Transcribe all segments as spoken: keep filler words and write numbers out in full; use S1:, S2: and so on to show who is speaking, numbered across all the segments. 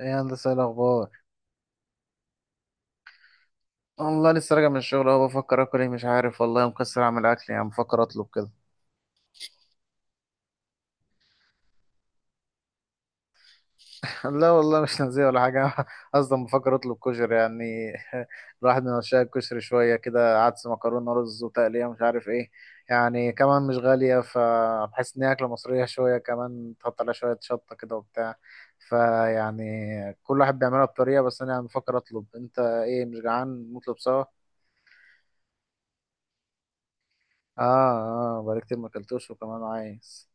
S1: ايه يا هندسة، إيه الاخبار؟ والله لسه راجع من الشغل اهو، بفكر اكل ايه مش عارف، والله مكسر اعمل اكل، يعني بفكر اطلب كده. لا والله مش نازيه ولا حاجه. اصلا بفكر اطلب كشري، يعني الواحد من عشاق الكشري، شويه كده عدس مكرونه رز وتقليه مش عارف ايه. يعني كمان مش غاليه، فبحس ان هي اكله مصريه شويه، كمان تحط عليها شويه شطه كده وبتاع. فيعني. كل واحد بيعملها بطريقه، بس انا يعني بفكر اطلب، انت ايه مش جعان، نطلب سوا؟ اه. اه، بقالي كتير ما اكلتوش وكمان عايز.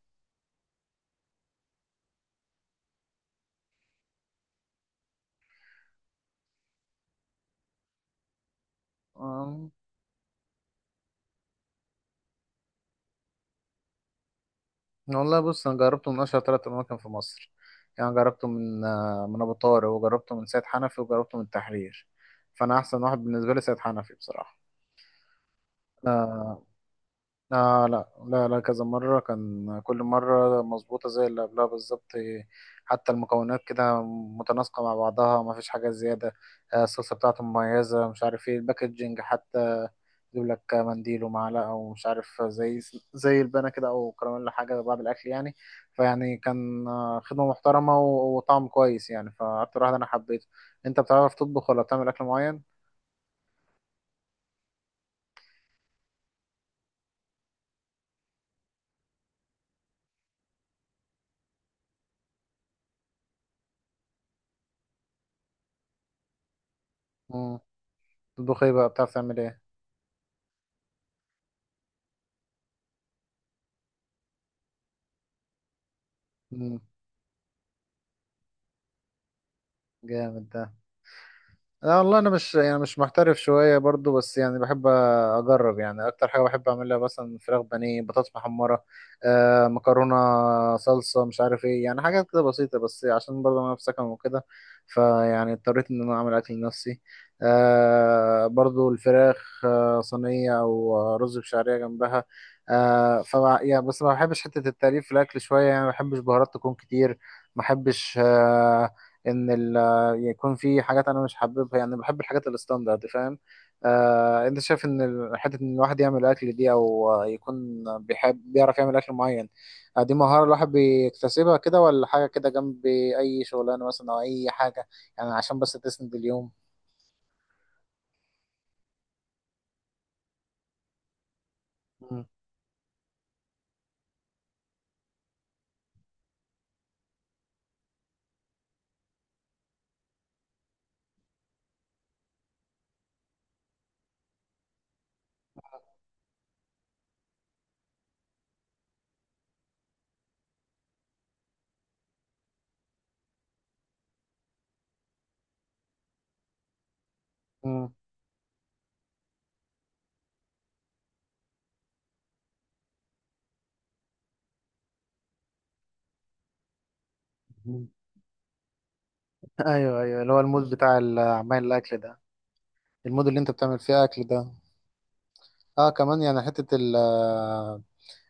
S1: والله بص، انا جربته من اشهر ثلاث اماكن في مصر. يعني جربته من، آه، من ابو طارق، وجربته من سيد حنفي، وجربته من التحرير. فانا احسن واحد بالنسبه لي سيد حنفي بصراحه. آه، آه لا لا لا، كذا مرة كان، كل مرة مظبوطة زي اللي قبلها بالظبط، إيه، حتى المكونات كده متناسقة مع بعضها، ما فيش حاجة زيادة. آه، الصلصة بتاعته مميزة، مش عارف ايه الباكجينج حتى يجيب لك منديل ومعلقة، ومش عارف زي زي البانة كده أو كراميل، حاجة بعد الأكل يعني. فيعني كان، آه، خدمة محترمة، و- وطعم كويس، يعني فأكتر واحد أنا حبيته. أنت بتعرف تطبخ ولا بتعمل أكل معين؟ مم. تطبخ ايه بقى، بتعرف تعمل ايه؟ مم. جامد ده. لا والله، انا مش يعني مش محترف شويه برضو، بس يعني بحب اجرب، يعني اكتر حاجه بحب اعملها مثلا فراخ بانيه بطاطس محمره. آه مكرونه. صلصه، مش عارف ايه، يعني حاجات كده بسيطه، بس عشان برضو انا في سكن وكده. فيعني اضطريت ان انا اعمل اكل لنفسي. آه برضو الفراخ، آه صينيه او رز بشعريه جنبها. آه ف يعني بس ما بحبش حته التأليف في الاكل شويه، يعني ما بحبش بهارات تكون كتير. ما بحبش آه ان ال يكون في حاجات انا مش حاببها، يعني بحب الحاجات الستاندرد فاهم. آه انت شايف ان ال- حته ان الواحد يعمل اكل دي، او آه، يكون بيحب بيعرف يعمل اكل معين؟ آه دي مهاره الواحد بيكتسبها كده، ولا حاجه كده جنب اي شغلانه مثلا او اي حاجه؟ يعني عشان بس تسند اليوم. مم. مم. مم. ايوه ايوه، اللي هو المود بتاع ال- عمال الاكل ده. المود اللي انت بتعمل فيه اكل ده. اه، كمان يعني حته.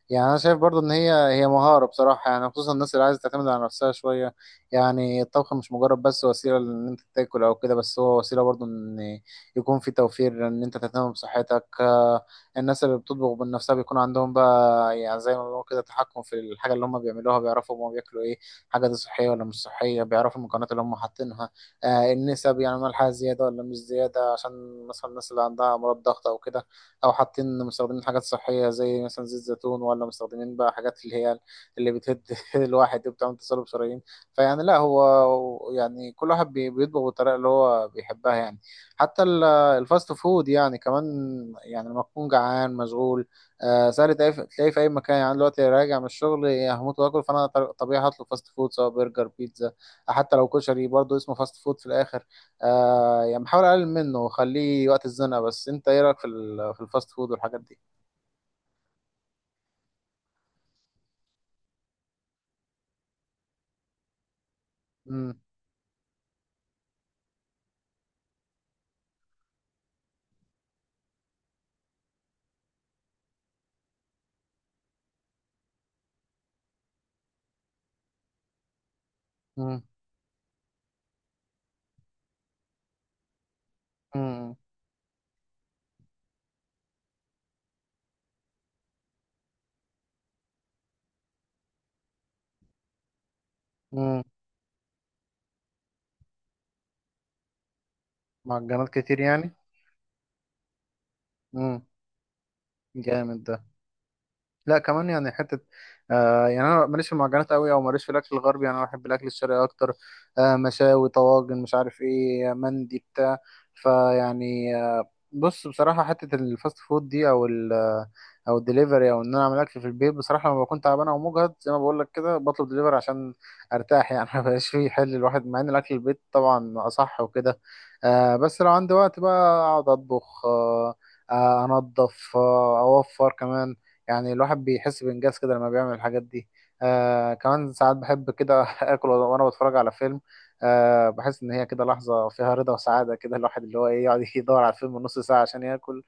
S1: يعني انا شايف برضو ان هي هي مهاره بصراحه، يعني خصوصا الناس اللي عايزه تعتمد على نفسها شويه. يعني الطبخ مش مجرد بس وسيله ان انت تاكل او كده، بس هو وسيله برضو ان يكون في توفير، ان انت تهتم بصحتك آه، الناس اللي بتطبخ من نفسها بيكون عندهم بقى، يعني زي ما بيقولوا كده، تحكم في الحاجه اللي هم بيعملوها، بيعرفوا هم بياكلوا ايه، حاجه دي صحيه ولا مش صحيه، بيعرفوا المكونات اللي هم حاطينها، آه، النسب يعني ملحها زياده ولا مش زياده، عشان مثلا الناس اللي عندها امراض ضغط او كده، او حاطين مستخدمين حاجات صحيه زي مثلا زيت زيتون، ولا مستخدمين بقى حاجات اللي هي اللي بتهد الواحد وبتعمل تصلب شرايين. فيعني لا، هو يعني كل واحد بي- بيطبخ بالطريقه اللي هو بيحبها يعني. حتى ال- الفاست فود يعني كمان. يعني لما تكون جعان مشغول، آه، سهل تلاقيه في تلاقيه في اي مكان، يعني أنا دلوقتي راجع من الشغل هموت واكل فانا طبيعي هطلب فاست فود، سواء برجر بيتزا. حتى لو كشري برضه اسمه فاست فود في الاخر. آه يعني بحاول اقلل منه وخليه وقت الزنقه، بس انت ايه رايك في ال- في الفاست فود والحاجات دي؟ امم. امم. امم معجنات كتير يعني. امم. جامد ده. لا، كمان يعني حته. آه يعني انا ماليش في المعجنات قوي، او ماليش في الاكل الغربي، يعني انا بحب الاكل الشرقي اكتر. آه مشاوي طواجن مش عارف ايه مندي بتاع. فيعني آه بص بصراحه حته الفاست فود دي، او ال آه، او الدليفري، او ان انا اعمل اكل في البيت، بصراحه لما بكون تعبان او مجهد زي ما بقول لك كده، بطلب دليفري عشان ارتاح يعني. ما بقاش فيه حل الواحد، مع ان الاكل البيت طبعا اصح وكده. آه بس لو عندي وقت بقى اقعد اطبخ آه آه، انضف، آه، اوفر كمان. يعني الواحد بيحس بإنجاز كده لما بيعمل الحاجات دي. آه كمان ساعات بحب كده آكل وأنا بتفرج على فيلم. آه بحس إن هي كده لحظة فيها رضا وسعادة، كده الواحد اللي هو إيه يقعد يدور على الفيلم نص ساعة عشان ياكل.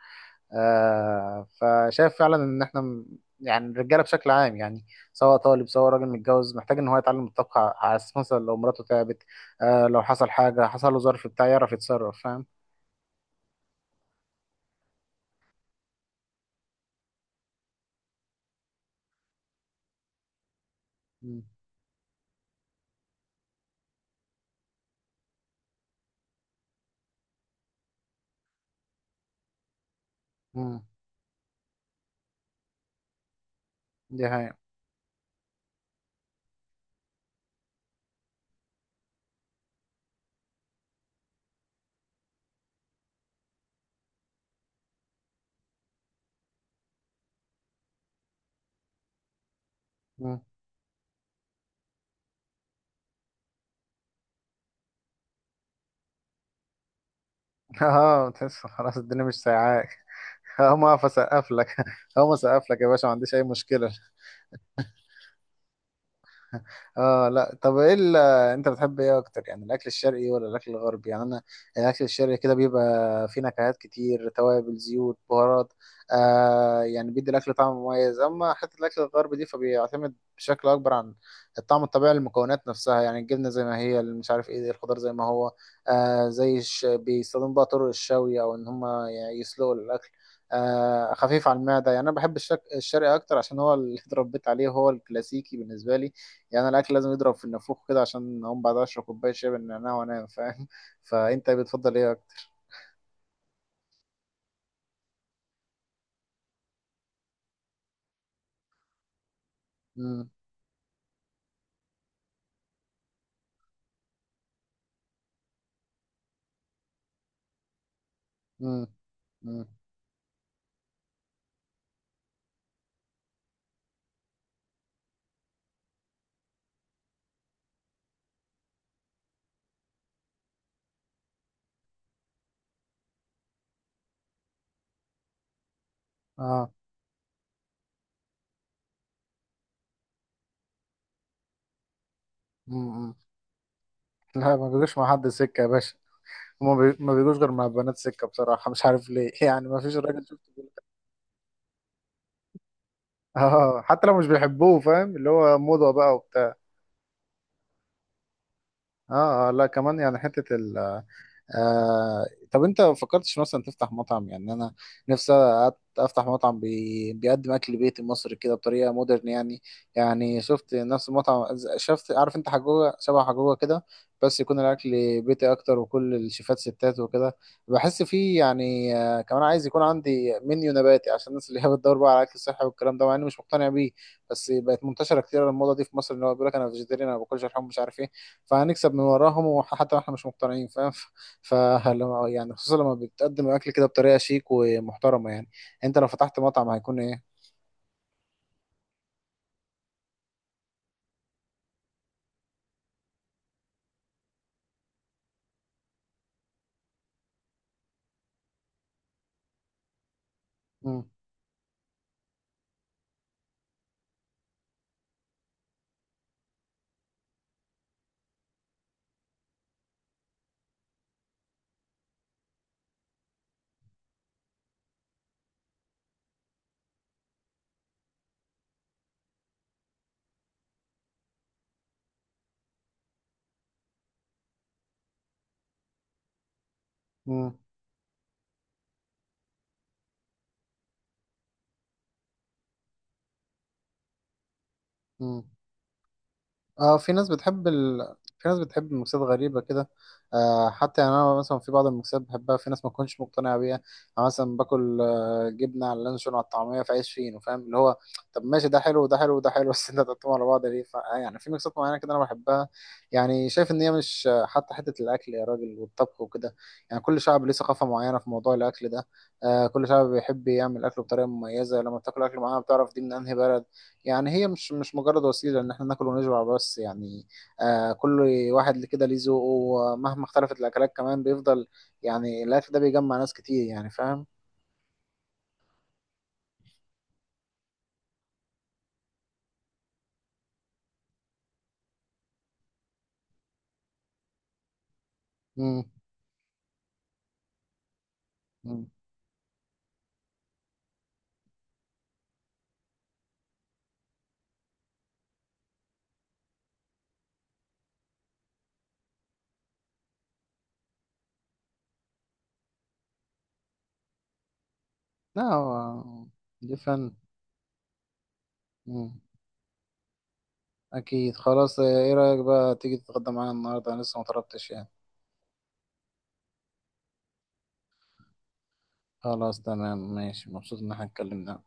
S1: آه فشايف فعلا إن إحنا م- يعني الرجالة بشكل عام، يعني سواء طالب سواء راجل متجوز، محتاج إن هو يتعلم الطبخ، ع- على أساس مثلا لو مراته تعبت، آه لو حصل حاجة حصل له ظرف بتاع يعرف يتصرف فاهم؟ مم. مم. دي هي. اه، تحس خلاص الدنيا مش سايعاك. هقوم اقف اسقف لك. هقوم اسقف لك يا باشا، ما عنديش اي مشكله. اه، لا طب ايه ال- آه، انت بتحب ايه اكتر، يعني الاكل الشرقي ولا الاكل الغربي، يعني انا الاكل الشرقي كده بيبقى فيه نكهات كتير، توابل زيوت بهارات. آه يعني بيدي الاكل طعم مميز، اما حته الاكل الغربي دي فبيعتمد بشكل اكبر عن الطعم الطبيعي للمكونات نفسها، يعني الجبنه زي ما هي، اللي مش عارف ايه، الخضار زي ما هو. آه زي الش... بيستخدموا بقى طرق الشوي، او ان هم يعني يسلقوا الاكل. آه خفيف على المعده، يعني انا بحب الشك... الشرقي اكتر عشان هو اللي اتربيت عليه، هو الكلاسيكي بالنسبه لي. يعني الاكل لازم يضرب في النافوخ كده، عشان اقوم بعد اشرب كوبايه شاي بالنعناع وانام فاهم، فانت بتفضل ايه اكتر؟ امم. امم. امم. اه. امم. لا، ما بيجوش مع حد سكه يا باشا. هما بي... ما بيجوش غير مع البنات سكه بصراحه، مش عارف ليه، يعني ما فيش راجل شفته بيقول كده. اه، حتى لو مش بيحبوه، فاهم اللي هو موضه بقى وبتاع. اه، آه، لا كمان يعني حته ال آه، طب انت ما فكرتش مثلا تفتح مطعم، يعني انا نفسي. أت- افتح مطعم بي... بيقدم اكل بيتي مصري كده بطريقه مودرن يعني. يعني شفت نفس المطعم، ز- شفت عارف انت حجوجه شبه حجوجه كده، بس يكون الاكل بيتي اكتر، وكل الشيفات ستات وكده. بحس فيه يعني، آه، كمان عايز يكون عندي منيو نباتي، عشان الناس اللي هي بتدور بقى على الاكل الصحي والكلام ده، مع اني مش مقتنع بيه. بس بقت منتشره كتير الموضه دي في مصر، ان هو بيقول لك انا فيجيتيريان، انا ما باكلش لحوم، مش عارف ايه. فهنكسب من وراهم، وحتى احنا مش مقتنعين فاهم. فلما يعني خصوصا لما بتقدم الاكل كده بطريقه شيك ومحترمه يعني. انت لو فتحت مطعم هيكون ايه؟ مم. مم. مم. اه، في ناس بتحب ال... في ناس بتحب المكسات غريبة كده. آه حتى يعني انا مثلا في بعض المكسات بحبها، في ناس ما تكونش مقتنعة بيها. انا مثلا باكل آه جبنة على اللانشون على الطعمية في عيش فينو، فاهم اللي هو طب ماشي، ده حلو وده حلو وده حلو، بس انت تحطهم على بعض ليه ف... آه، يعني في مكسات معينة كده انا بحبها. يعني شايف ان هي مش، آه، حتى حتة الاكل يا راجل، والطبخ وكده. يعني كل شعب ليه ثقافة معينة في موضوع الاكل ده. آه كل شعب بيحب يعمل اكله بطريقة مميزة، لما بتاكل اكل معينة بتعرف دي من انهي بلد. يعني هي مش مش مجرد وسيلة إن إحنا ناكل ونشبع بس يعني، آه كل واحد اللي كده ليه ذوقه، ومهما اختلفت الأكلات كمان بيفضل، يعني الأكل ده بيجمع ناس كتير، يعني فاهم؟ مم. مم. لا هو دي فن. مم. أكيد خلاص، آه، إيه رأيك بقى تيجي تتغدى معانا النهاردة، أنا لسه مطلبتش يعني. خلاص تمام ماشي، مبسوط إن إحنا اتكلمنا.